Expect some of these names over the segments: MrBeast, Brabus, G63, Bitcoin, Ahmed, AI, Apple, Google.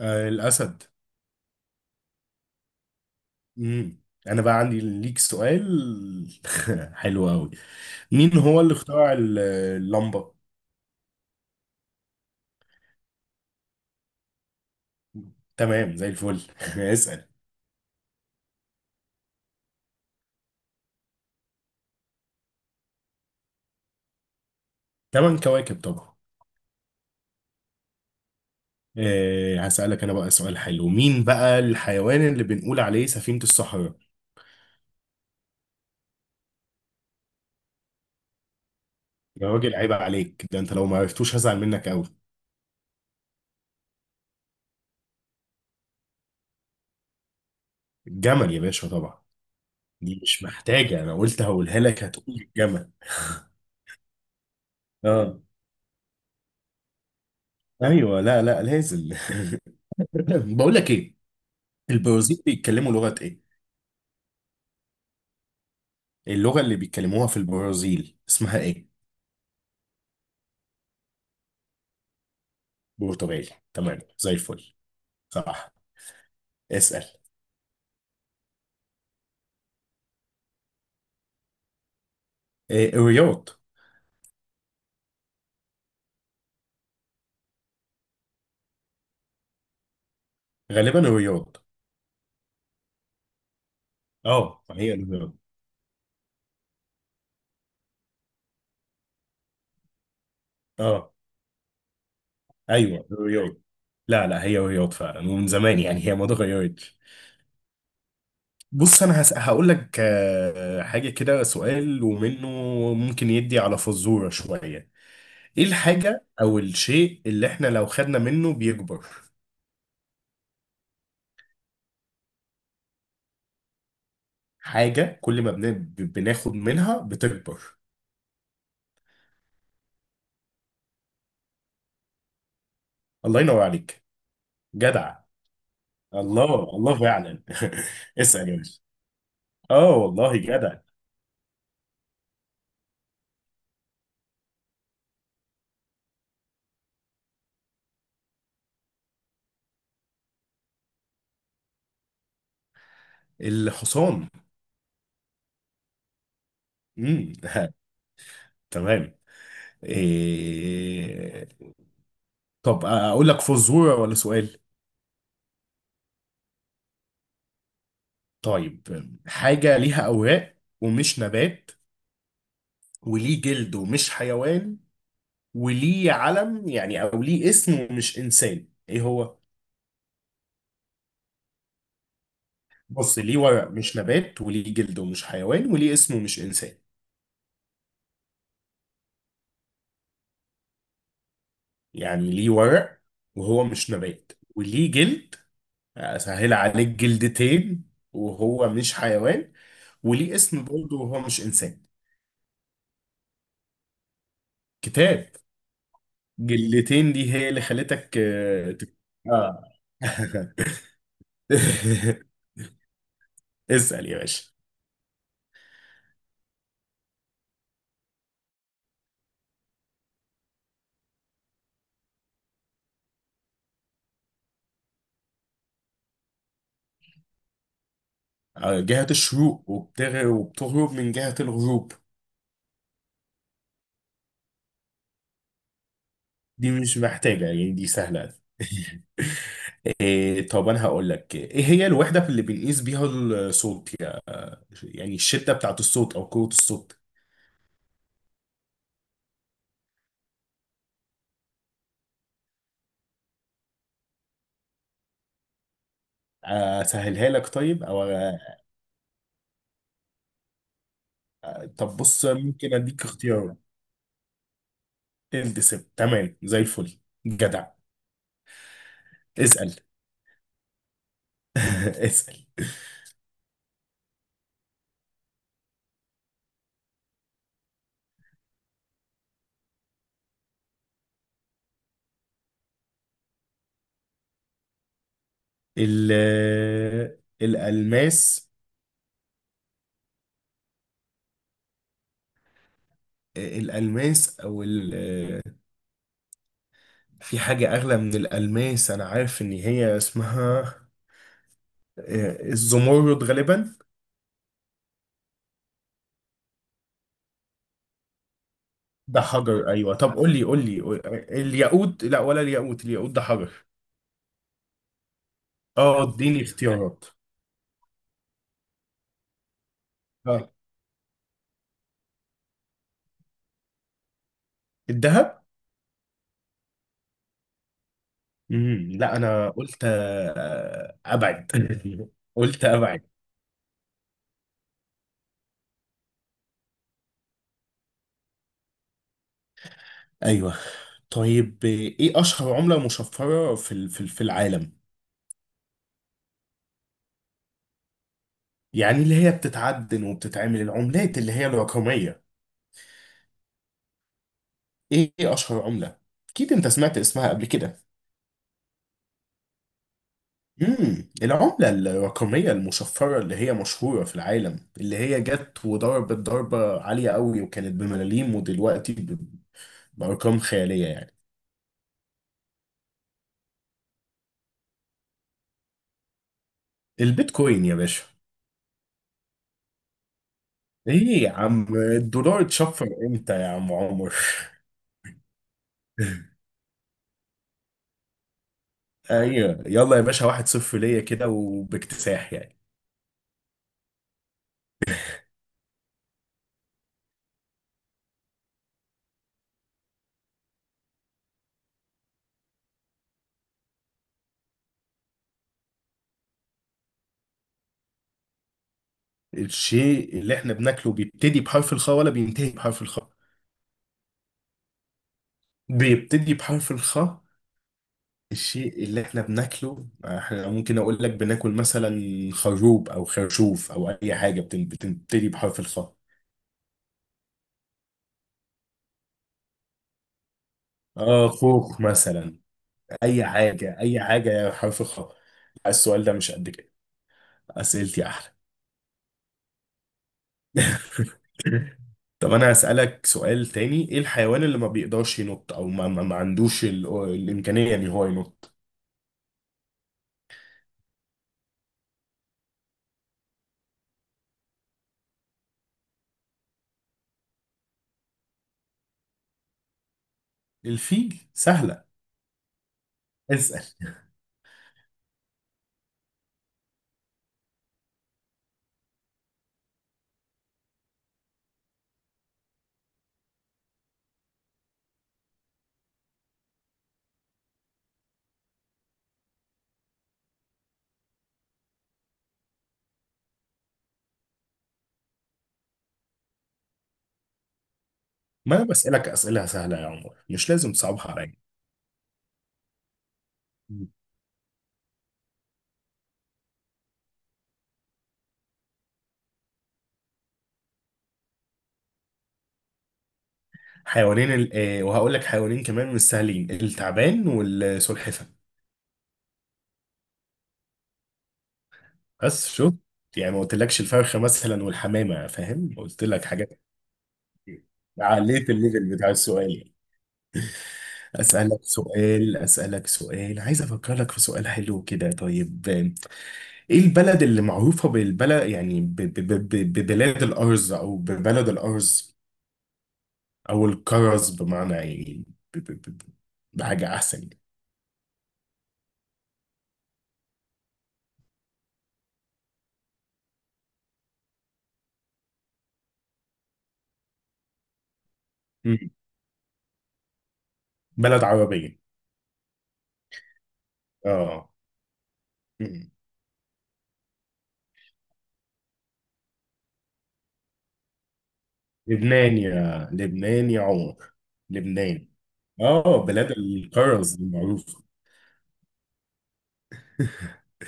آه، الأسد. مم. أنا بقى عندي ليك سؤال. حلو أوي. مين هو اللي اخترع اللمبة؟ تمام زي الفل. اسأل. تمن كواكب طبعا. هسألك أنا بقى سؤال حلو، مين بقى الحيوان اللي بنقول عليه سفينة الصحراء؟ يا راجل، عيب عليك، ده أنت لو ما عرفتوش هزعل منك أوي. الجمل يا باشا، طبعا. دي مش محتاجة، أنا قلت هقولها لك هتقول الجمل. اه، ايوه، لا لا، لازم. بقول لك ايه. البرازيل بيتكلموا لغة ايه؟ اللغة اللي بيتكلموها في البرازيل اسمها ايه؟ برتغالي، تمام زي الفل. صح. اسأل. إيه، الرياض. غالبا الرياض. اه، هي الرياض. اه، ايوه، الرياض. لا لا، هي الرياض فعلا ومن زمان يعني، هي ما اتغيرتش. بص انا هقول لك حاجة كده، سؤال ومنه، ممكن يدي على فزورة شوية. ايه الحاجة او الشيء اللي احنا لو خدنا منه بيكبر؟ حاجة كل ما بناخد منها بتكبر. الله ينور عليك. جدع. الله الله فعلا. اسأل يا باشا. اه، والله جدع. الحصان. امم تمام. إيه... طب اقول لك فزورة ولا سؤال؟ طيب، حاجة ليها أوراق ومش نبات، وليه جلد ومش حيوان، وليه علم يعني أو ليه اسم ومش إنسان، إيه هو؟ بص، ليه ورق مش نبات، وليه جلد ومش حيوان، وليه اسم ومش إنسان. يعني ليه ورق وهو مش نبات، وليه جلد. اسهل عليك، جلدتين وهو مش حيوان، وليه اسم برضه وهو مش انسان. كتاب. جلدتين دي هي اللي خلتك آه. اسأل يا باشا. آه، جهة الشروق وبتغرب من جهة الغروب. دي مش محتاجة يعني، دي سهلة. إيه، طب انا هقول لك ايه هي الوحدة اللي بنقيس بيها الصوت يعني الشدة بتاعت الصوت او قوة الصوت. اسهلها لك، طيب او طب بص، ممكن اديك اختيار. الدسم، تمام زي الفل. جدع. اسأل. اسأل. ال الألماس. الألماس او في حاجة اغلى من الألماس، انا عارف ان هي اسمها الزمرد غالبا. ده حجر، ايوه، طب قول لي قول لي. الياقوت، لا ولا الياقوت، الياقوت ده حجر. اه، اديني اختيارات. اه، الذهب. لا، انا قلت ابعد. قلت ابعد. ايوه. طيب، ايه اشهر عمله مشفره في العالم؟ يعني اللي هي بتتعدن وبتتعمل العملات اللي هي الرقميه. إيه اشهر عمله؟ اكيد انت سمعت اسمها قبل كده. العمله الرقميه المشفره اللي هي مشهوره في العالم، اللي هي جت وضربت ضربه عاليه قوي، وكانت بملاليم ودلوقتي بارقام خياليه يعني. البيتكوين يا باشا. ايه يا عم، الدولار اتشفر امتى يا عم عمر؟ ايوه، يلا يا باشا، 1-0 ليا كده وباكتساح يعني. الشيء اللي احنا بناكله بيبتدي بحرف الخاء ولا بينتهي بحرف الخاء؟ بيبتدي بحرف الخاء. الشيء اللي احنا بناكله احنا، ممكن اقول لك بناكل مثلا خروب او خرشوف او اي حاجه بتبتدي بحرف الخاء. اه، خوخ مثلا. اي حاجه اي حاجه حرف الخاء. السؤال ده مش قد كده. اسئلتي احلى. طب انا هسألك سؤال تاني، ايه الحيوان اللي ما بيقدرش ينط او ما عندوش الامكانية ان هو ينط؟ الفيل سهلة. اسأل. ما انا بسألك اسئلة سهلة يا عمر، مش لازم تصعبها عليا. حيوانين ال... آه وهقول لك حيوانين كمان مش سهلين، التعبان والسلحفة. بس شوف، يعني ما قلتلكش الفرخة مثلا والحمامة، فاهم قلت لك حاجات كتير. عليت الليفل بتاع السؤال. أسألك سؤال، عايز أفكر لك في سؤال حلو كده. طيب، إيه البلد اللي معروفة بالبلد يعني ببلاد الأرز أو ببلد الأرز أو الكرز، بمعنى يعني ب- ب- ب- ب- بحاجة أحسن يعني. مم. بلد عربية. آه. مم. لبنان، يا لبنان يا عمر. لبنان. آه، بلاد الكرز المعروفة.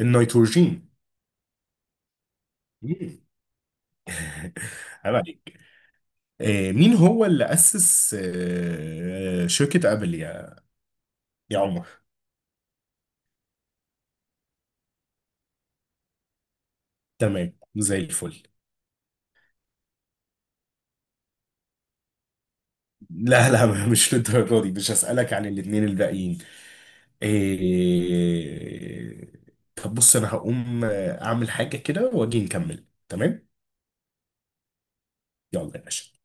النيتروجين. مم. عيب عليك. مين هو اللي أسس شركة أبل يا عمر؟ تمام زي الفل. لا لا، مش للدرجة دي، مش هسألك عن الاتنين الباقيين. آه، طب بص، أنا هقوم أعمل حاجة كده وأجي نكمل، تمام؟ يلا يا باشا.